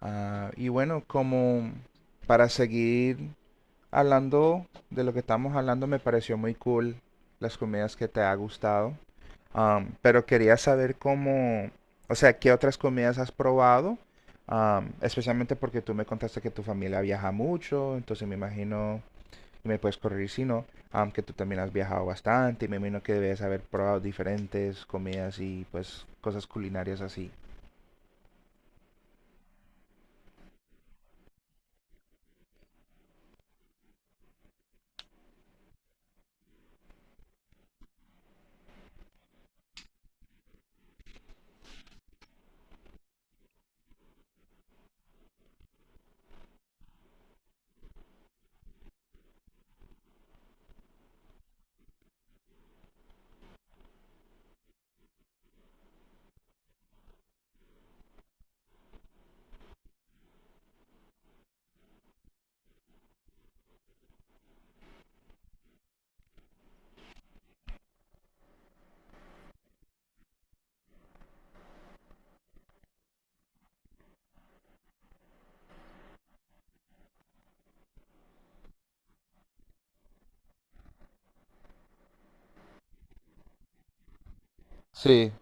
Ah, y bueno, como para seguir hablando de lo que estamos hablando, me pareció muy cool las comidas que te ha gustado. Pero quería saber cómo, o sea, qué otras comidas has probado, especialmente porque tú me contaste que tu familia viaja mucho, entonces me imagino, y me puedes corregir si no, que tú también has viajado bastante, y me imagino que debes haber probado diferentes comidas y pues cosas culinarias así. Sí,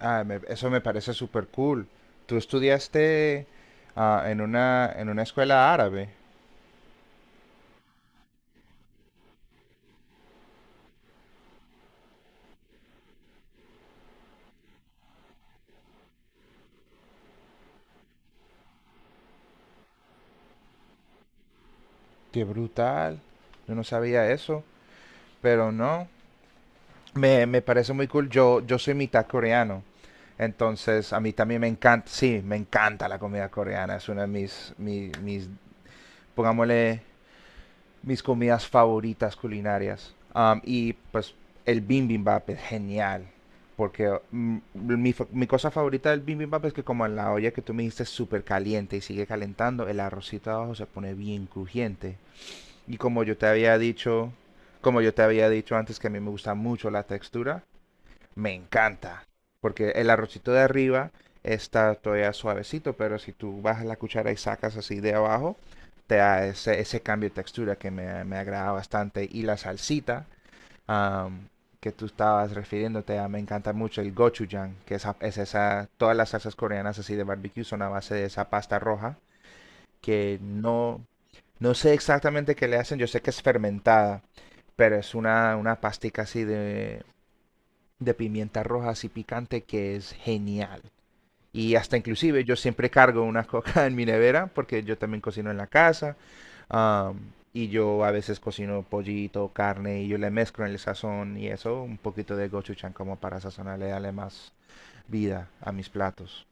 ah, eso me parece súper cool. Tú estudiaste en una escuela árabe. Qué brutal. Yo no sabía eso, pero no. Me parece muy cool. Yo soy mitad coreano. Entonces, a mí también me encanta, sí, me encanta la comida coreana. Es una de mis, mis, pongámosle, mis comidas favoritas culinarias. Y pues el bibimbap es genial. Porque mi, mi cosa favorita del bibimbap es que como en la olla que tú me dijiste es súper caliente y sigue calentando, el arrocito abajo se pone bien crujiente. Y como yo te había dicho, como yo te había dicho antes que a mí me gusta mucho la textura, me encanta. Porque el arrocito de arriba está todavía suavecito, pero si tú bajas la cuchara y sacas así de abajo, te da ese, ese cambio de textura que me agrada bastante. Y la salsita am, que tú estabas refiriéndote a, me encanta mucho el gochujang, que es esa, todas las salsas coreanas así de barbecue son a base de esa pasta roja, que no, no sé exactamente qué le hacen, yo sé que es fermentada, pero es una pastica así de pimienta roja así picante que es genial. Y hasta inclusive yo siempre cargo una coca en mi nevera porque yo también cocino en la casa. um, y yo a veces cocino pollito, carne y yo le mezclo en el sazón y eso, un poquito de gochujang como para sazonarle, darle más vida a mis platos.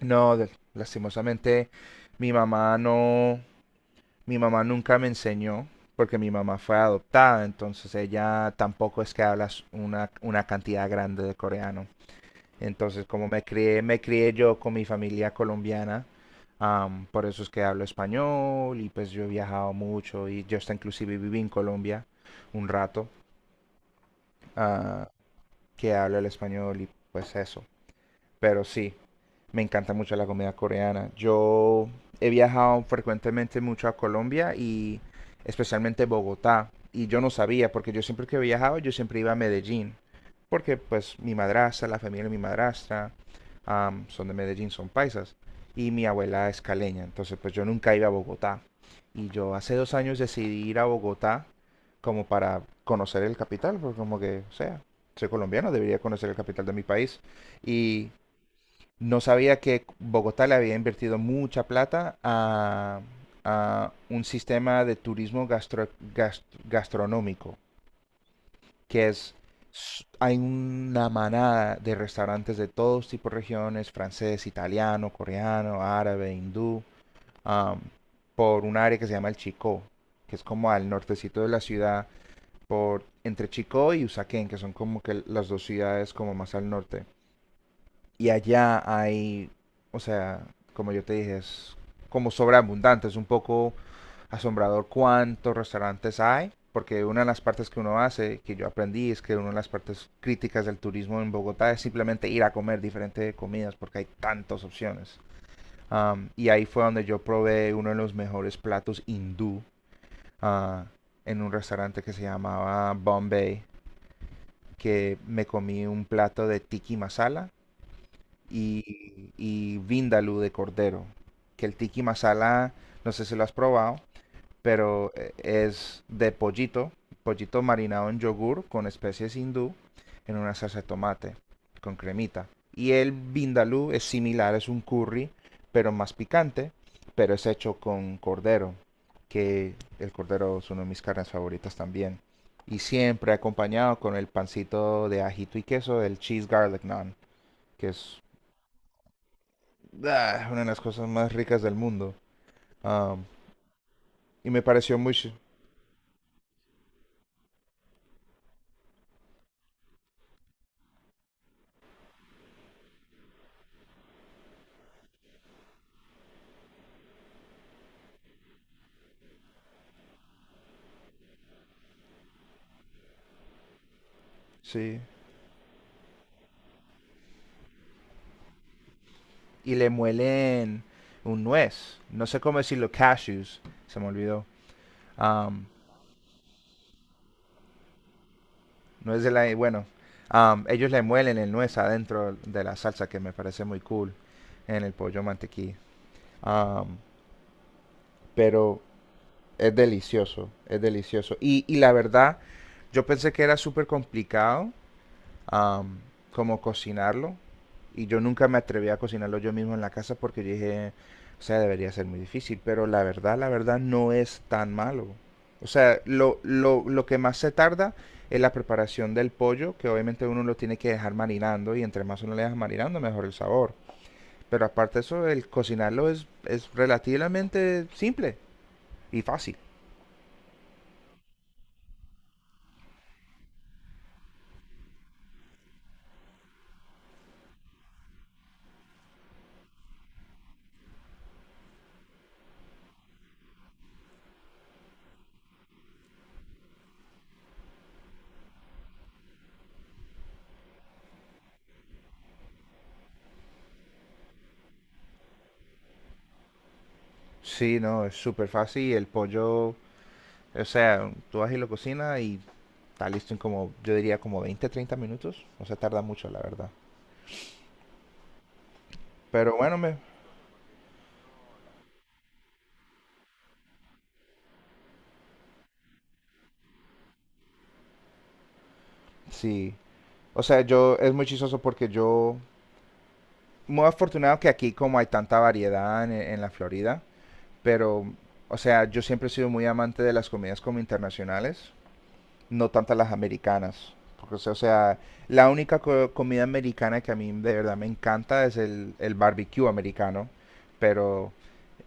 No, lastimosamente mi mamá no, mi mamá nunca me enseñó porque mi mamá fue adoptada, entonces ella tampoco es que habla una cantidad grande de coreano. Entonces, como me crié yo con mi familia colombiana, por eso es que hablo español y pues yo he viajado mucho y yo hasta inclusive viví en Colombia un rato, ah, que hablo el español y pues eso. Pero sí, me encanta mucho la comida coreana. Yo he viajado frecuentemente mucho a Colombia y especialmente Bogotá. Y yo no sabía, porque yo siempre que viajaba, yo siempre iba a Medellín. Porque pues mi madrastra, la familia de mi madrastra, son de Medellín, son paisas. Y mi abuela es caleña. Entonces pues yo nunca iba a Bogotá. Y yo hace 2 años decidí ir a Bogotá como para conocer el capital, porque como que, o sea, soy colombiano, debería conocer el capital de mi país. Y no sabía que Bogotá le había invertido mucha plata a un sistema de turismo gastronómico, que es, hay una manada de restaurantes de todos tipos de regiones, francés, italiano, coreano, árabe, hindú, am, por un área que se llama el Chicó, que es como al nortecito de la ciudad, por entre Chicó y Usaquén, que son como que las dos ciudades como más al norte. Y allá hay, o sea, como yo te dije, es como sobreabundante, es un poco asombrador cuántos restaurantes hay, porque una de las partes que uno hace, que yo aprendí, es que una de las partes críticas del turismo en Bogotá es simplemente ir a comer diferentes comidas, porque hay tantas opciones. Y ahí fue donde yo probé uno de los mejores platos hindú ah, en un restaurante que se llamaba Bombay, que me comí un plato de tiki masala, y vindaloo de cordero. Que el tiki masala, no sé si lo has probado, pero es de pollito, pollito marinado en yogur con especies hindú en una salsa de tomate con cremita. Y el vindaloo es similar, es un curry, pero más picante, pero es hecho con cordero, que el cordero es una de mis carnes favoritas también. Y siempre acompañado con el pancito de ajito y queso, el cheese garlic naan, que es ah, una de las cosas más ricas del mundo. Am, y me pareció mucho, sí. Y le muelen un nuez. No sé cómo decirlo, cashews. Se me olvidó. Am, Nuez de la... Bueno, ellos le muelen el nuez adentro de la salsa que me parece muy cool en el pollo mantequilla. Am, pero es delicioso, es delicioso. Y la verdad, yo pensé que era súper complicado am, como cocinarlo. Y yo nunca me atreví a cocinarlo yo mismo en la casa porque dije, o sea, debería ser muy difícil. Pero la verdad no es tan malo. O sea, lo que más se tarda es la preparación del pollo, que obviamente uno lo tiene que dejar marinando y entre más uno le deja marinando, mejor el sabor. Pero aparte de eso, el cocinarlo es relativamente simple y fácil. Sí, no, es súper fácil el pollo. O sea, tú vas y lo cocinas y está listo en como, yo diría como 20, 30 minutos. O sea, tarda mucho, la verdad. Pero bueno, me, sí. O sea, yo es muy chistoso porque yo, muy afortunado que aquí como hay tanta variedad en la Florida, pero, o sea, yo siempre he sido muy amante de las comidas como internacionales. No tantas las americanas. Porque, o sea, la única comida americana que a mí de verdad me encanta es el barbecue americano, pero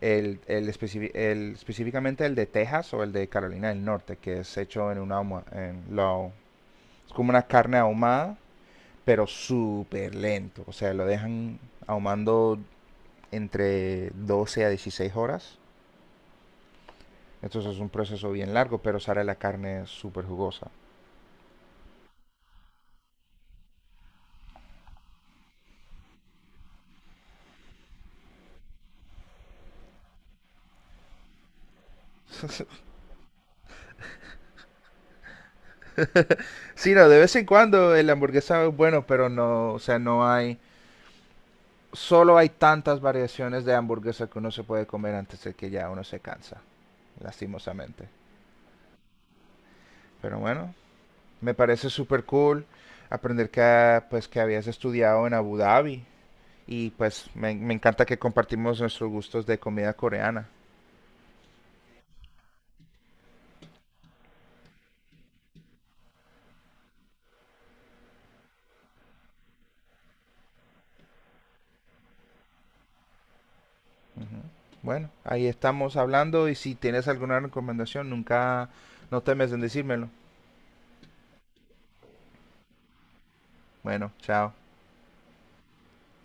el, específicamente el de Texas o el de Carolina del Norte, que es hecho en una es como una carne ahumada, pero súper lento. O sea, lo dejan ahumando entre 12 a 16 horas. Entonces es un proceso bien largo, pero sale la carne súper jugosa. Sí, no, de vez en cuando el hamburguesa es bueno, pero no, o sea, no hay, solo hay tantas variaciones de hamburguesa que uno se puede comer antes de que ya uno se cansa, lastimosamente. Pero bueno, me parece súper cool aprender que, pues, que habías estudiado en Abu Dhabi y pues me encanta que compartimos nuestros gustos de comida coreana. Bueno, ahí estamos hablando y si tienes alguna recomendación, nunca, no temes en decírmelo. Bueno, chao.